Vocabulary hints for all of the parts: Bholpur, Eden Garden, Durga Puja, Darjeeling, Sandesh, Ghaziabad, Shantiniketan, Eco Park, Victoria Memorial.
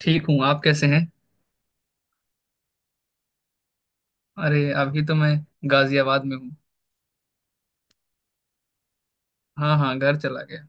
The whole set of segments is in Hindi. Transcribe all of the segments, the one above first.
ठीक हूँ। आप कैसे हैं? अरे, अभी तो मैं गाजियाबाद में हूँ। हाँ हाँ, घर चला गया।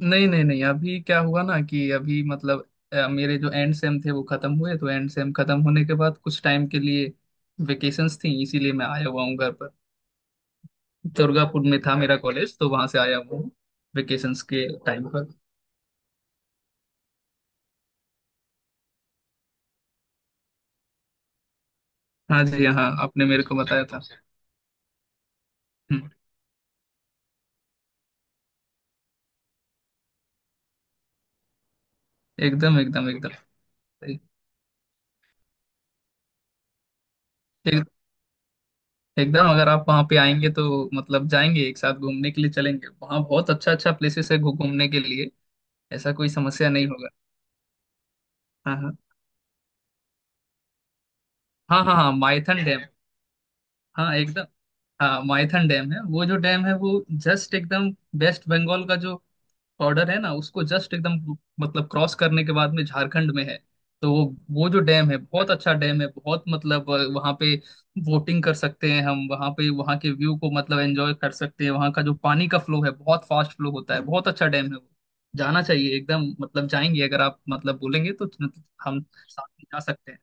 नहीं नहीं नहीं, अभी क्या हुआ ना कि अभी मतलब मेरे जो एंड सेम थे वो खत्म हुए, तो एंड सेम खत्म होने के बाद कुछ टाइम के लिए वेकेशंस थी, इसीलिए मैं आया हुआ हूँ घर पर। दुर्गापुर में था मेरा कॉलेज, तो वहां से आया हुआ हूँ वेकेशंस के टाइम पर। हाँ जी हाँ, आपने मेरे को बताया था। हम्म। एकदम एकदम एकदम सही। एकदम, अगर आप वहाँ पे आएंगे तो मतलब जाएंगे एक साथ, घूमने के लिए चलेंगे, वहाँ बहुत अच्छा अच्छा प्लेसेस है घूमने के लिए। ऐसा कोई समस्या नहीं होगा। हाँ हाँ हाँ हाँ हाँ, माइथन डैम। हाँ एकदम। हाँ, माइथन डैम है। वो जो डैम है वो जस्ट एकदम वेस्ट बंगाल का जो बॉर्डर है ना उसको जस्ट एकदम मतलब क्रॉस करने के बाद में झारखंड में है। तो वो जो डैम है, बहुत अच्छा डैम है, बहुत मतलब वहाँ पे बोटिंग कर सकते हैं हम, वहाँ पे वहाँ के व्यू को मतलब एंजॉय कर सकते हैं, वहाँ का जो पानी का फ्लो है बहुत फास्ट फ्लो होता है, बहुत अच्छा डैम है वो। जाना चाहिए एकदम, मतलब जाएंगे अगर आप मतलब बोलेंगे तो हम साथ में जा सकते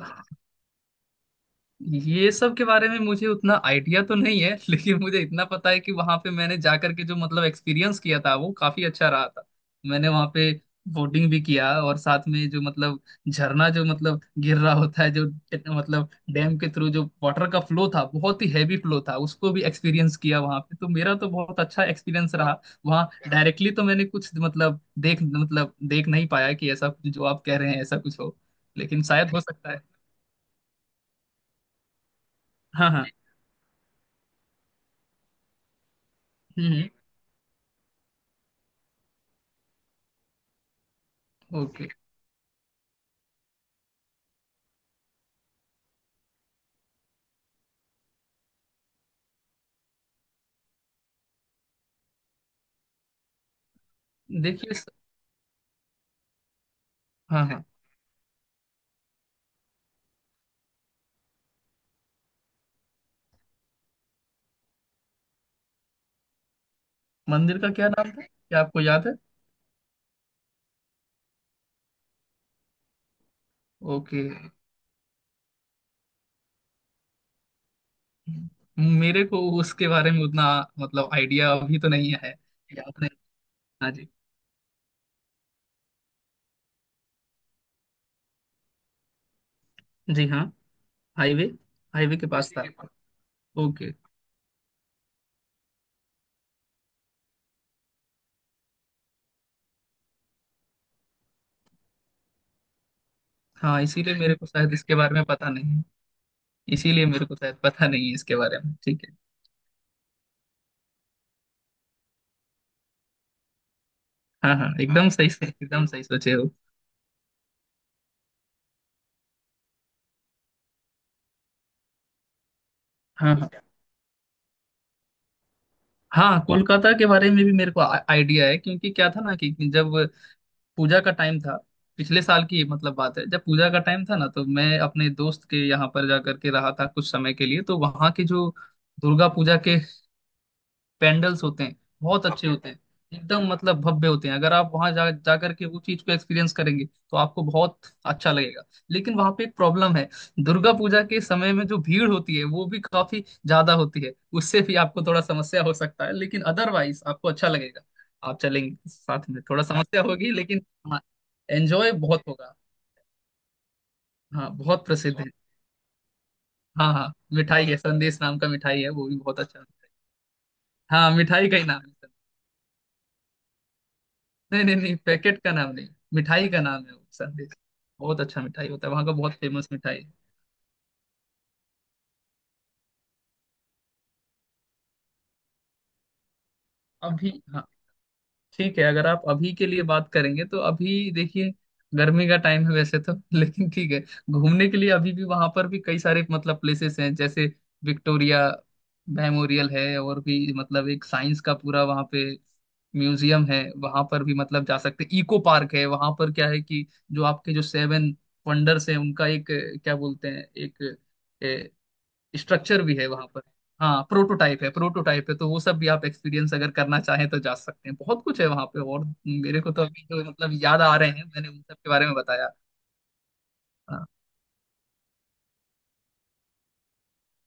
हैं। ये सब के बारे में मुझे उतना आइडिया तो नहीं है, लेकिन मुझे इतना पता है कि वहां पे मैंने जाकर के जो मतलब एक्सपीरियंस किया था वो काफी अच्छा रहा था। मैंने वहां पे बोटिंग भी किया और साथ में जो मतलब झरना जो मतलब गिर रहा होता है, जो मतलब डैम के थ्रू जो वाटर का फ्लो था बहुत ही हैवी फ्लो था उसको भी एक्सपीरियंस किया वहां पे, तो मेरा तो बहुत अच्छा एक्सपीरियंस रहा। वहाँ डायरेक्टली तो मैंने कुछ मतलब देख नहीं पाया कि ऐसा जो आप कह रहे हैं ऐसा कुछ हो, लेकिन शायद हो सकता है। हाँ हाँ। ओके। देखिए हाँ हाँ। मंदिर का क्या नाम था, क्या आपको याद है? ओके। मेरे को उसके बारे में उतना मतलब आइडिया अभी तो नहीं है, याद नहीं। हाँ जी। जी हाँ, हाईवे। हाईवे के पास था। ओके। हाँ, इसीलिए मेरे को शायद इसके बारे में पता नहीं है। इसीलिए मेरे को शायद पता नहीं है इसके बारे में, ठीक है। हाँ हाँ, एकदम सही से एकदम सही सोचे हो। हाँ हाँ। हाँ, कोलकाता के बारे में भी मेरे को आइडिया है, क्योंकि क्या था ना कि जब पूजा का टाइम था, पिछले साल की मतलब बात है, जब पूजा का टाइम था ना, तो मैं अपने दोस्त के यहाँ पर जा करके रहा था कुछ समय के लिए, तो वहाँ की जो दुर्गा पूजा के पेंडल्स होते हैं बहुत अच्छे ओके होते हैं, एकदम मतलब भव्य होते हैं। अगर आप वहां जा जाकर के वो चीज को एक्सपीरियंस करेंगे तो आपको बहुत अच्छा लगेगा, लेकिन वहां पे एक प्रॉब्लम है। दुर्गा पूजा के समय में जो भीड़ होती है वो भी काफी ज्यादा होती है, उससे भी आपको थोड़ा समस्या हो सकता है, लेकिन अदरवाइज आपको अच्छा लगेगा। आप चलेंगे साथ में, थोड़ा समस्या होगी लेकिन हाँ, एंजॉय बहुत होगा। हाँ बहुत प्रसिद्ध है। हाँ हाँ, मिठाई है। संदेश नाम का मिठाई है, वो भी बहुत अच्छा मिठाई। हाँ, मिठाई का ही नाम है। नहीं नहीं नहीं, पैकेट का नाम नहीं, मिठाई का नाम है वो संदेश। बहुत अच्छा मिठाई होता है वहाँ का, बहुत फेमस मिठाई है। अभी हाँ, ठीक है, अगर आप अभी के लिए बात करेंगे तो अभी देखिए गर्मी का टाइम है वैसे तो लेकिन ठीक है, घूमने के लिए अभी भी वहाँ पर भी कई सारे मतलब प्लेसेस हैं जैसे विक्टोरिया मेमोरियल है, और भी मतलब एक साइंस का पूरा वहाँ पे म्यूजियम है, वहाँ पर भी मतलब जा सकते हैं। इको पार्क है वहाँ पर, क्या है कि जो आपके जो सेवन वंडर्स हैं उनका एक क्या बोलते हैं एक स्ट्रक्चर भी है वहां पर। हाँ प्रोटोटाइप है, प्रोटोटाइप है, तो वो सब भी आप एक्सपीरियंस अगर करना चाहें तो जा सकते हैं। बहुत कुछ है वहां पे, और मेरे को तो अभी तो मतलब याद आ रहे हैं, मैंने उन सब के बारे में बताया। हाँ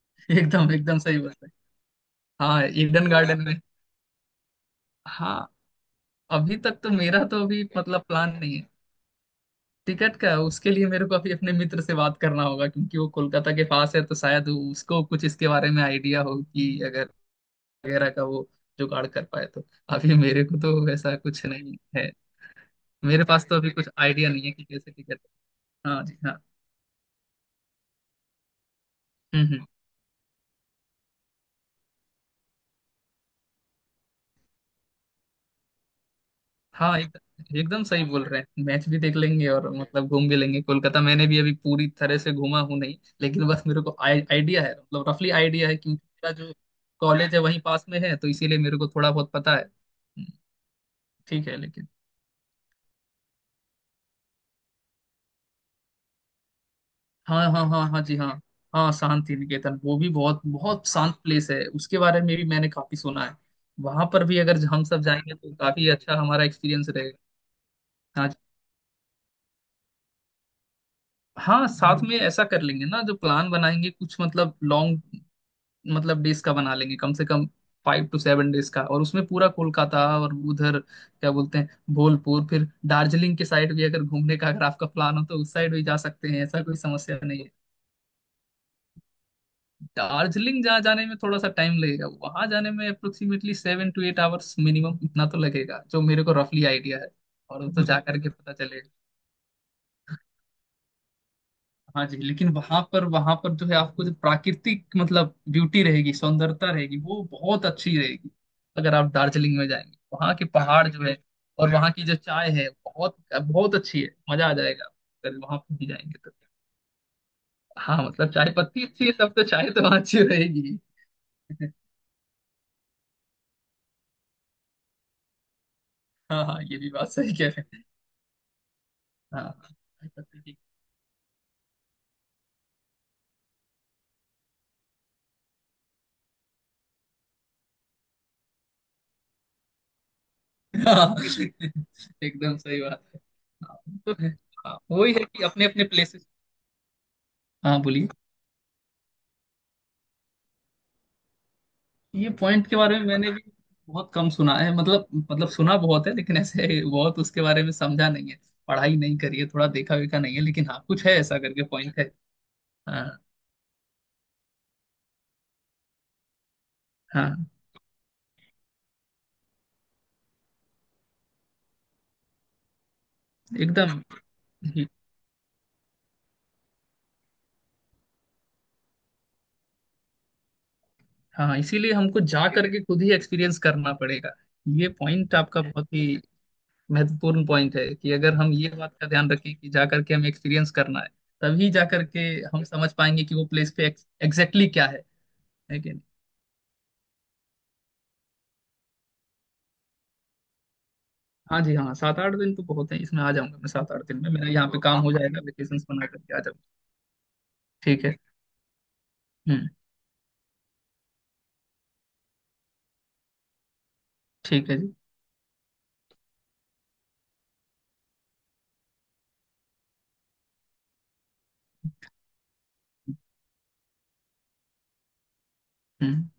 एकदम एकदम सही बात है। हाँ, ईडन गार्डन में। हाँ, अभी तक तो मेरा तो अभी मतलब प्लान नहीं है। टिकट का उसके लिए मेरे को अभी अपने मित्र से बात करना होगा, क्योंकि वो कोलकाता के पास है, तो शायद उसको कुछ इसके बारे में आइडिया हो कि अगर वगैरह का वो जुगाड़ कर पाए तो। अभी मेरे को तो वैसा कुछ नहीं है, मेरे पास तो अभी कुछ आइडिया नहीं है कि कैसे टिकट। हाँ जी हाँ। हम्म। हाँ एकदम सही बोल रहे हैं। मैच भी देख लेंगे और मतलब घूम भी लेंगे। कोलकाता मैंने भी अभी पूरी तरह से घूमा हूँ नहीं, लेकिन बस मेरे को आइडिया है, मतलब रफली आइडिया है, क्योंकि मेरा जो कॉलेज है वहीं पास में है, तो इसीलिए मेरे को थोड़ा बहुत पता है। हम्म। ठीक है लेकिन। हाँ हाँ हाँ हाँ जी हाँ। हाँ, शांति निकेतन वो भी बहुत बहुत शांत प्लेस है, उसके बारे में भी मैंने काफी सुना है। वहां पर भी अगर हम सब जाएंगे तो काफी अच्छा हमारा एक्सपीरियंस रहेगा। हाँ जी। हाँ, साथ में ऐसा कर लेंगे ना, जो प्लान बनाएंगे कुछ मतलब लॉन्ग मतलब डेज का बना लेंगे, कम से कम फाइव टू सेवन डेज का, और उसमें पूरा कोलकाता और उधर क्या बोलते हैं भोलपुर, फिर दार्जिलिंग के साइड भी अगर घूमने का अगर आपका प्लान हो तो उस साइड भी जा सकते हैं, ऐसा कोई समस्या नहीं है। दार्जिलिंग जहाँ जाने में थोड़ा सा टाइम लगेगा, वहां जाने में approximately seven to eight hours minimum इतना तो लगेगा, जो मेरे को रफली आइडिया है। और वो तो जा करके पता। हाँ जी, लेकिन वहां पर जो है आपको जो प्राकृतिक मतलब ब्यूटी रहेगी, सौंदर्यता रहेगी वो बहुत अच्छी रहेगी। अगर आप दार्जिलिंग में जाएंगे, वहाँ के पहाड़ जो है और वहाँ की जो चाय है बहुत बहुत अच्छी है, मजा आ जाएगा अगर वहां पर भी जाएंगे तो। हाँ मतलब चाय पत्ती अच्छी है सब, तो चाय तो वहाँ अच्छी रहेगी। हाँ हाँ, ये भी बात सही कह रहे हैं। हाँ, हाँ, चाय पत्ती की। हाँ एकदम सही बात है। हाँ, तो है। हाँ, वही है कि अपने अपने प्लेसेस। हाँ बोलिए। ये पॉइंट के बारे में मैंने भी बहुत कम सुना है, मतलब सुना बहुत है लेकिन ऐसे बहुत उसके बारे में समझा नहीं है, पढ़ाई नहीं करी है, थोड़ा देखा वेखा नहीं है, लेकिन हाँ कुछ है ऐसा करके पॉइंट है। हाँ हाँ एकदम ही- हाँ, इसीलिए हमको जा करके खुद ही एक्सपीरियंस करना पड़ेगा। ये पॉइंट आपका बहुत ही महत्वपूर्ण पॉइंट है कि अगर हम ये बात का ध्यान रखें कि जा करके हमें एक्सपीरियंस करना है, तभी जा करके हम समझ पाएंगे कि वो प्लेस पे एग्जैक्टली क्या है। है कि हाँ जी हाँ, सात आठ दिन तो बहुत है, इसमें आ जाऊंगा मैं। सात आठ दिन में मेरा यहाँ पे तो काम आप हो जाएगा, वेकेशन बना करके आ जाऊंगा। ठीक है। हम्म। ठीक है जी। हम्म।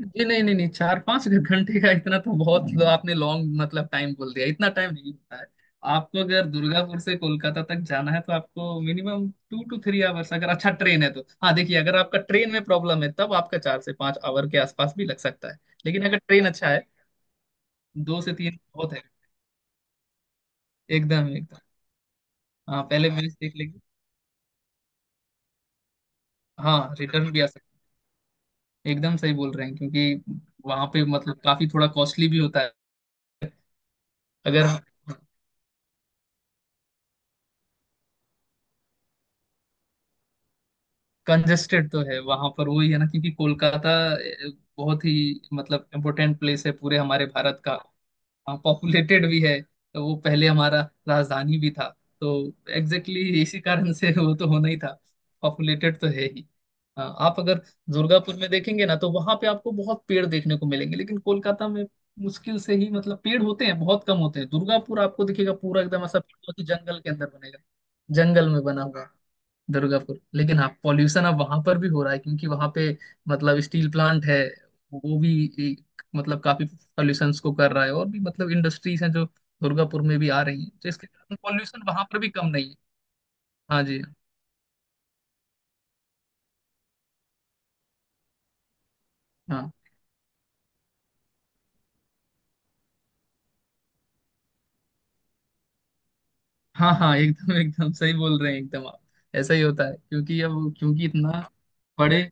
जी नहीं नहीं नहीं, चार पाँच घंटे का इतना तो बहुत आपने लॉन्ग मतलब टाइम बोल दिया, इतना टाइम नहीं होता है। आपको अगर दुर्गापुर से कोलकाता तक जाना है, तो आपको minimum two to three hours, अगर अच्छा ट्रेन है तो। हाँ देखिए, अगर आपका ट्रेन में प्रॉब्लम है तब आपका चार से पाँच आवर के आसपास भी लग सकता है, लेकिन अगर ट्रेन अच्छा है दो से तीन बहुत है। एकदम एकदम। हाँ पहले मैच देख लेंगे। हाँ रिटर्न भी आ सकता है। एकदम सही बोल रहे हैं क्योंकि वहां पे मतलब काफी थोड़ा कॉस्टली भी होता है अगर। कंजेस्टेड तो है वहां पर, वही है ना क्योंकि कोलकाता बहुत ही मतलब इम्पोर्टेंट प्लेस है पूरे हमारे भारत का। हाँ पॉपुलेटेड भी है, तो वो पहले हमारा राजधानी भी था तो एग्जैक्टली exactly इसी कारण से वो तो होना ही था, पॉपुलेटेड तो है ही। हाँ, आप अगर दुर्गापुर में देखेंगे ना तो वहां पे आपको बहुत पेड़ देखने को मिलेंगे, लेकिन कोलकाता में मुश्किल से ही मतलब पेड़ होते हैं, बहुत कम होते हैं। दुर्गापुर आपको दिखेगा पूरा एकदम ऐसा पेड़ जो कि जंगल के अंदर बनेगा, जंगल में बना हुआ दुर्गापुर। लेकिन हाँ पॉल्यूशन अब वहां पर भी हो रहा है, क्योंकि वहां पे मतलब स्टील प्लांट है, वो भी एक, मतलब काफी पॉल्यूशन को कर रहा है, और भी मतलब इंडस्ट्रीज हैं जो दुर्गापुर में भी आ रही हैं, तो इसके कारण पॉल्यूशन वहां पर भी कम नहीं है। हाँ जी। हाँ हाँ हाँ एकदम एकदम सही बोल रहे हैं एकदम आप। ऐसा ही होता है, क्योंकि अब क्योंकि इतना बड़े।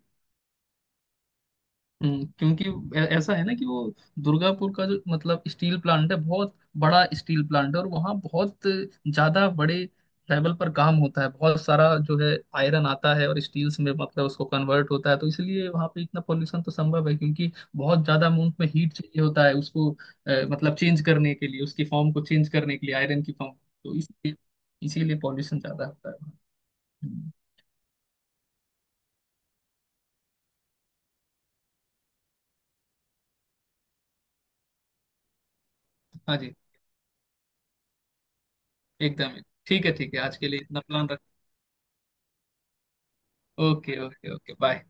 हम्म, क्योंकि ऐसा है ना कि वो दुर्गापुर का जो मतलब स्टील प्लांट है बहुत बड़ा स्टील प्लांट है, और वहाँ बहुत ज्यादा बड़े लेवल पर काम होता है। बहुत सारा जो है आयरन आता है और स्टील्स में मतलब उसको कन्वर्ट होता है, तो इसलिए वहाँ पे इतना पोल्यूशन तो संभव है, क्योंकि बहुत ज्यादा अमाउंट में हीट चाहिए होता है उसको मतलब चेंज करने के लिए, उसकी फॉर्म को चेंज करने के लिए, आयरन की फॉर्म। तो इसलिए इसीलिए पॉल्यूशन ज्यादा होता है वहाँ। हम्म। हाँ जी एकदम। ठीक है, ठीक है आज के लिए इतना प्लान रख। Okay okay okay bye.